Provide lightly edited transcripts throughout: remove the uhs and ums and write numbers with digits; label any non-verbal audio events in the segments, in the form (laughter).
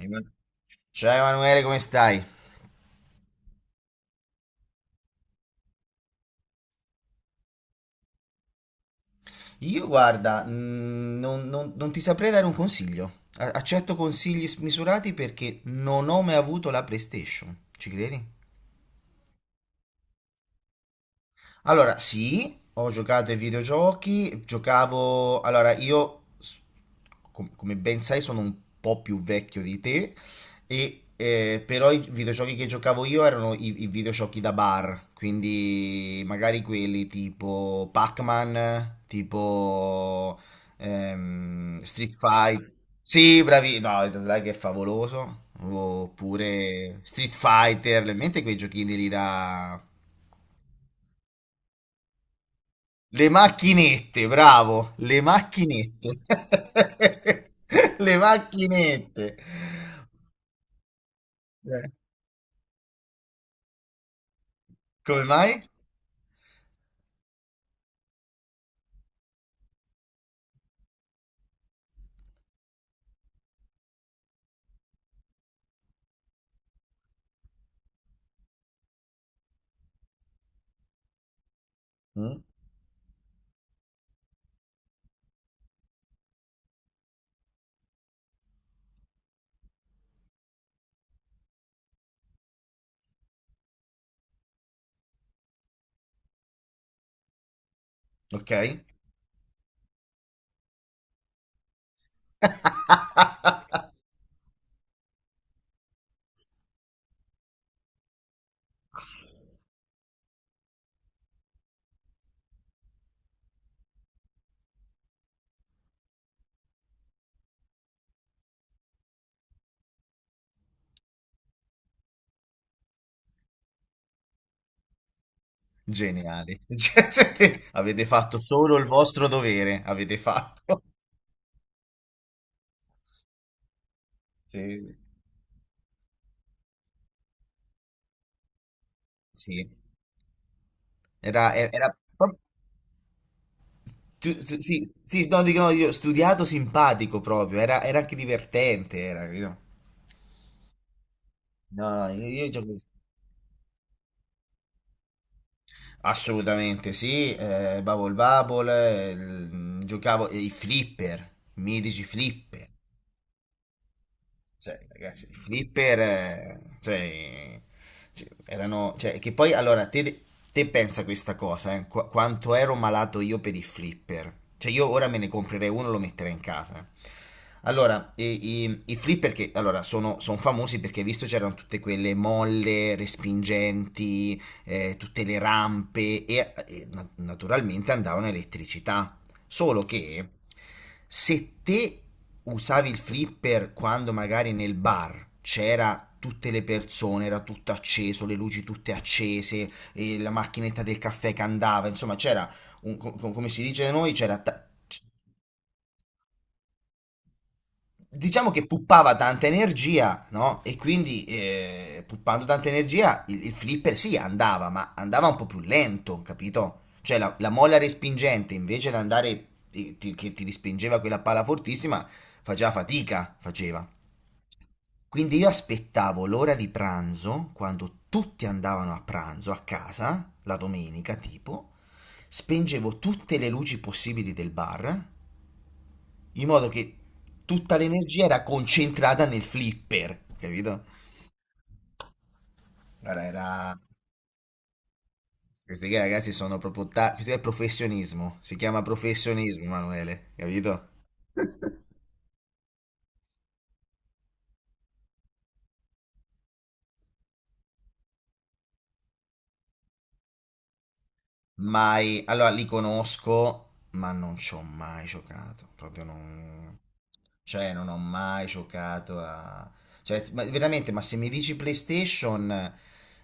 Ema- Ciao Emanuele, come stai? Io guarda, non ti saprei dare un consiglio. Accetto consigli smisurati perché non ho mai avuto la PlayStation. Ci credi? Allora, sì, ho giocato ai videogiochi, giocavo. Allora, io, come ben sai, sono un po' più vecchio di te, e, però i videogiochi che giocavo io erano i videogiochi da bar, quindi magari quelli tipo Pac-Man, tipo Street Fighter. Sì, bravi, no, il Like è favoloso, oppure Street Fighter, le mente quei giochini lì da. Le macchinette, bravo, le macchinette. (laughs) Le macchinette. Eh, Come mai? Mm, ok, geniali. (laughs) Cioè, avete fatto solo il vostro dovere, avete fatto. Sì, sì. Era, era pro- sì, sì, no, dico, no, io studiato simpatico proprio, era, era anche divertente, era, capito? No, no, io gioco. Assolutamente sì, Bubble Bubble, giocavo i flipper, i mitici flipper. Cioè, ragazzi, i flipper, cioè, erano, cioè, che poi, allora, te pensa questa cosa, quanto ero malato io per i flipper. Cioè, io ora me ne comprerei uno e lo metterei in casa. Eh. Allora, i flipper che, allora, sono, son famosi perché, hai visto, c'erano tutte quelle molle respingenti, tutte le rampe e, naturalmente andavano a elettricità. Solo che se te usavi il flipper quando magari nel bar c'era tutte le persone, era tutto acceso, le luci tutte accese, e la macchinetta del caffè che andava, insomma c'era, come si dice da noi, c'era diciamo che puppava tanta energia, no? E quindi puppando tanta energia il flipper sì andava, ma andava un po' più lento, capito? Cioè la molla respingente invece di andare che ti respingeva quella palla fortissima faceva fatica, faceva. Quindi io aspettavo l'ora di pranzo, quando tutti andavano a pranzo a casa, la domenica tipo, spengevo tutte le luci possibili del bar in modo che tutta l'energia era concentrata nel flipper, capito? Allora era. Questi qui ragazzi sono proprio. Questo è professionismo, si chiama professionismo, Emanuele, capito? Mai. Allora li conosco, ma non ci ho mai giocato, proprio non. Cioè, non ho mai giocato a. Cioè, veramente, ma se mi dici PlayStation.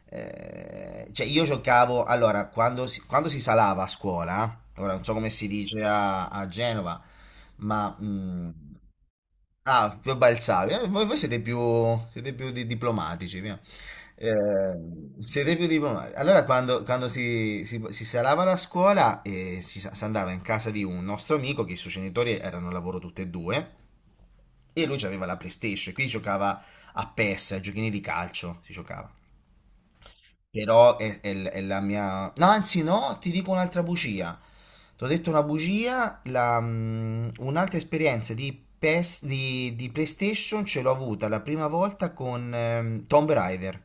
Cioè, io giocavo. Allora, quando si salava a scuola, ora non so come si dice a, Genova, ma... mm, ah, più balzavi. Voi siete più diplomatici, via. Eh, siete più diplomatici. Allora, quando si salava la scuola, si andava in casa di un nostro amico, che i suoi genitori erano al lavoro tutti e due, e lui aveva la PlayStation, e quindi giocava a PES, a giochini di calcio, si giocava. Però è la mia. No, anzi no, ti dico un'altra bugia. Ti ho detto una bugia, un'altra esperienza di, PES, di PlayStation ce l'ho avuta la prima volta con Tomb Raider.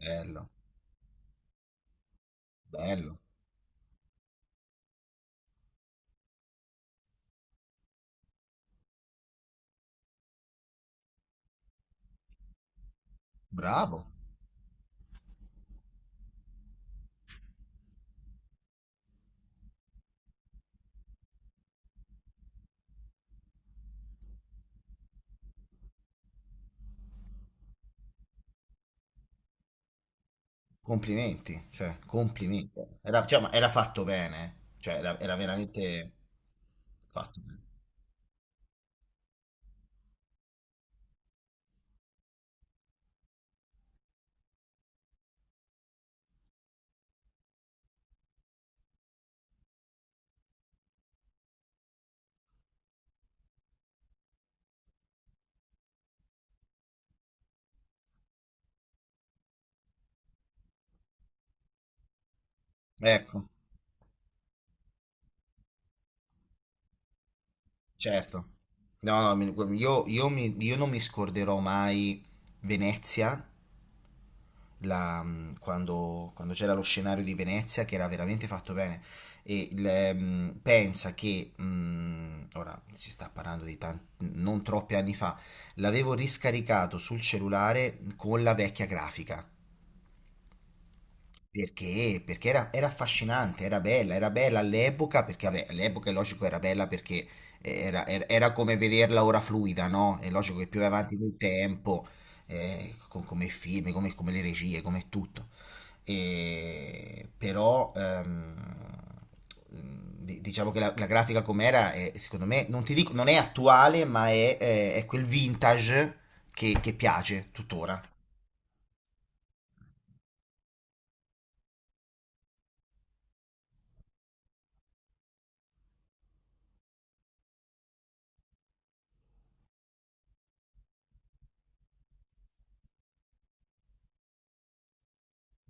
Bello, bello, bravo, complimenti, cioè, complimenti. Era, cioè, ma era fatto bene, eh. Cioè, era veramente fatto bene. Ecco. Certo. No, no, io non mi scorderò mai Venezia, quando c'era lo scenario di Venezia che era veramente fatto bene. E pensa che, ora si sta parlando di tanti, non troppi anni fa, l'avevo riscaricato sul cellulare con la vecchia grafica. Perché? Perché era affascinante, era bella all'epoca, perché vabbè, all'epoca è logico era bella perché era come vederla ora fluida, no? È logico che più vai avanti nel tempo, come i film, come le regie, come tutto. E, però diciamo che la grafica com'era, è, secondo me, non ti dico, non è attuale, ma è quel vintage che piace tuttora.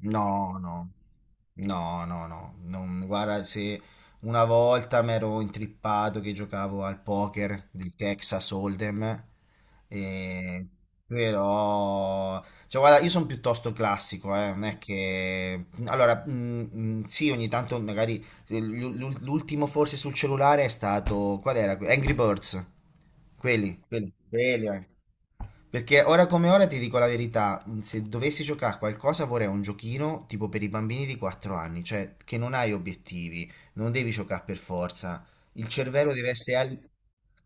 No, no, no, no, no, non, guarda, se una volta mi ero intrippato che giocavo al poker del Texas Hold'em, e- però, cioè guarda, io sono piuttosto classico, non è che, allora, sì, ogni tanto magari, l'ultimo forse sul cellulare è stato, qual era? Angry Birds, quelli, quelli, quelli, eh. Perché ora come ora ti dico la verità, se dovessi giocare a qualcosa vorrei un giochino tipo per i bambini di 4 anni, cioè che non hai obiettivi, non devi giocare per forza. Il cervello deve essere al.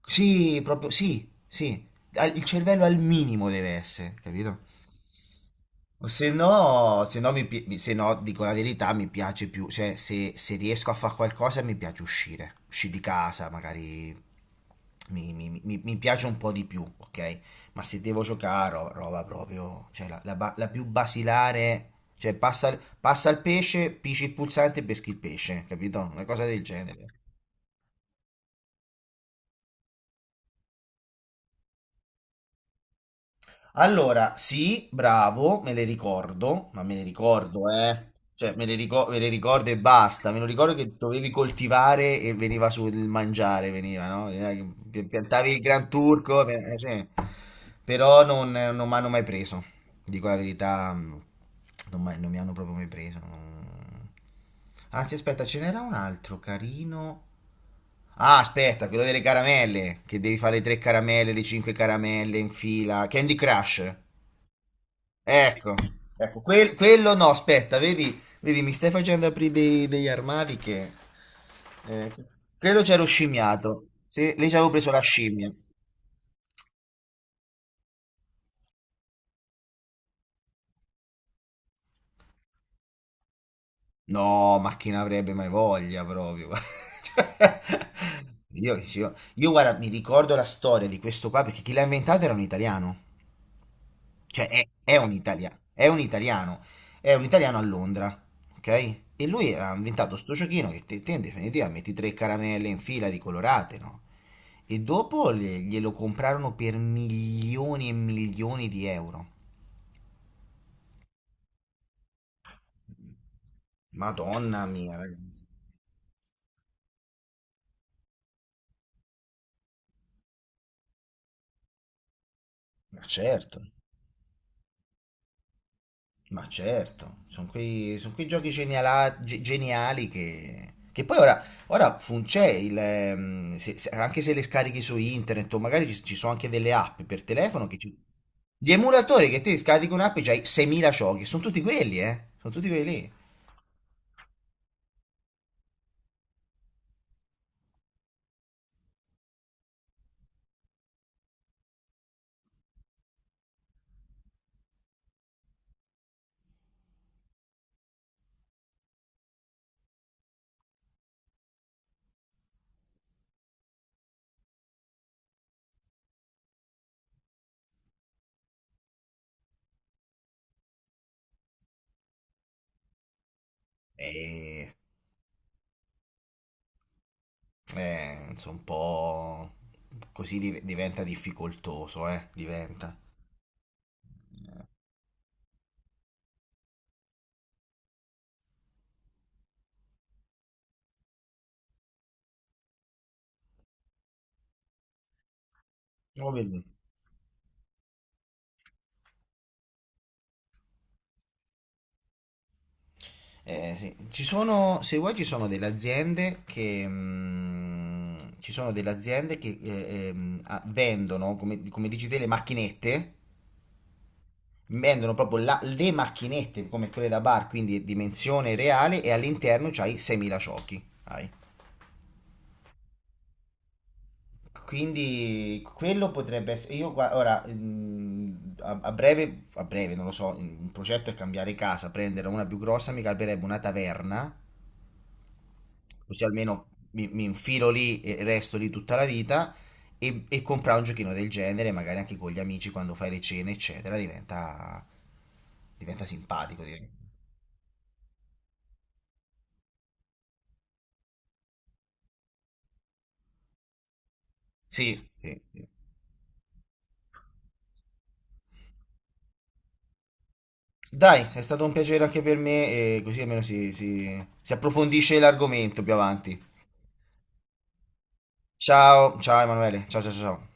Sì, proprio, sì, sì, il cervello al minimo deve essere, capito? Se no, se no, mi pi- mi- se no, dico la verità, mi piace più, cioè se riesco a fare qualcosa mi piace uscire, di casa, magari mi piace un po' di più, ok? Ma se devo giocare, roba proprio, cioè la più basilare, cioè passa il pesce, pisci il pulsante e peschi il pesce, capito? Una cosa del genere. Allora, sì, bravo, me le ricordo, ma me le ricordo, eh. Cioè, me le ricordo e basta. Me lo ricordo che dovevi coltivare e veniva sul mangiare, veniva, no? Piantavi il Gran Turco, sì. Però non mi hanno mai preso. Dico la verità, non mi hanno proprio mai preso. Anzi, aspetta, ce n'era un altro carino. Ah, aspetta, quello delle caramelle, che devi fare le tre caramelle, le cinque caramelle in fila. Candy Crush. Ecco, ecco, quello no, aspetta, vedi, vedi, mi stai facendo aprire degli armadi che. Eh, quello c'ero scimmiato. Sì, lì ci avevo preso la scimmia. No, ma chi ne avrebbe mai voglia proprio? (laughs) Cioè, io, guarda, mi ricordo la storia di questo qua perché chi l'ha inventato era un italiano. Cioè, è un italiano, è un italiano, è un italiano a Londra, ok? E lui ha inventato sto giochino che te, in definitiva metti tre caramelle in fila di colorate, no? E dopo glielo comprarono per milioni e milioni di euro. Madonna mia, ragazzi. Ma certo. Ma certo, sono son quei giochi geniali che poi ora, c'è il, se- se- anche se le scarichi su internet o magari ci sono anche delle app per telefono che gli emulatori che ti scarichi un'app e c'hai 6.000 giochi, sono tutti quelli, eh? Sono tutti quelli lì. E, insomma, un po' così diventa difficoltoso, eh? Diventa. Vabbè. Sì. Ci sono, se vuoi, ci sono delle aziende che vendono, come dici te, le macchinette, vendono proprio le macchinette come quelle da bar, quindi dimensione reale, e all'interno c'hai 6.000 ciocchi. Hai. Quindi quello potrebbe essere. Io ora a breve non lo so. Un progetto è cambiare casa, prendere una più grossa, mi calberebbe una taverna così almeno mi infilo lì e resto lì tutta la vita e comprare un giochino del genere, magari anche con gli amici quando fai le cene, eccetera, diventa, simpatico. Sì, sì, sì. Dai, è stato un piacere anche per me e così almeno si approfondisce l'argomento più avanti. Ciao, ciao Emanuele, ciao ciao ciao. Ciao.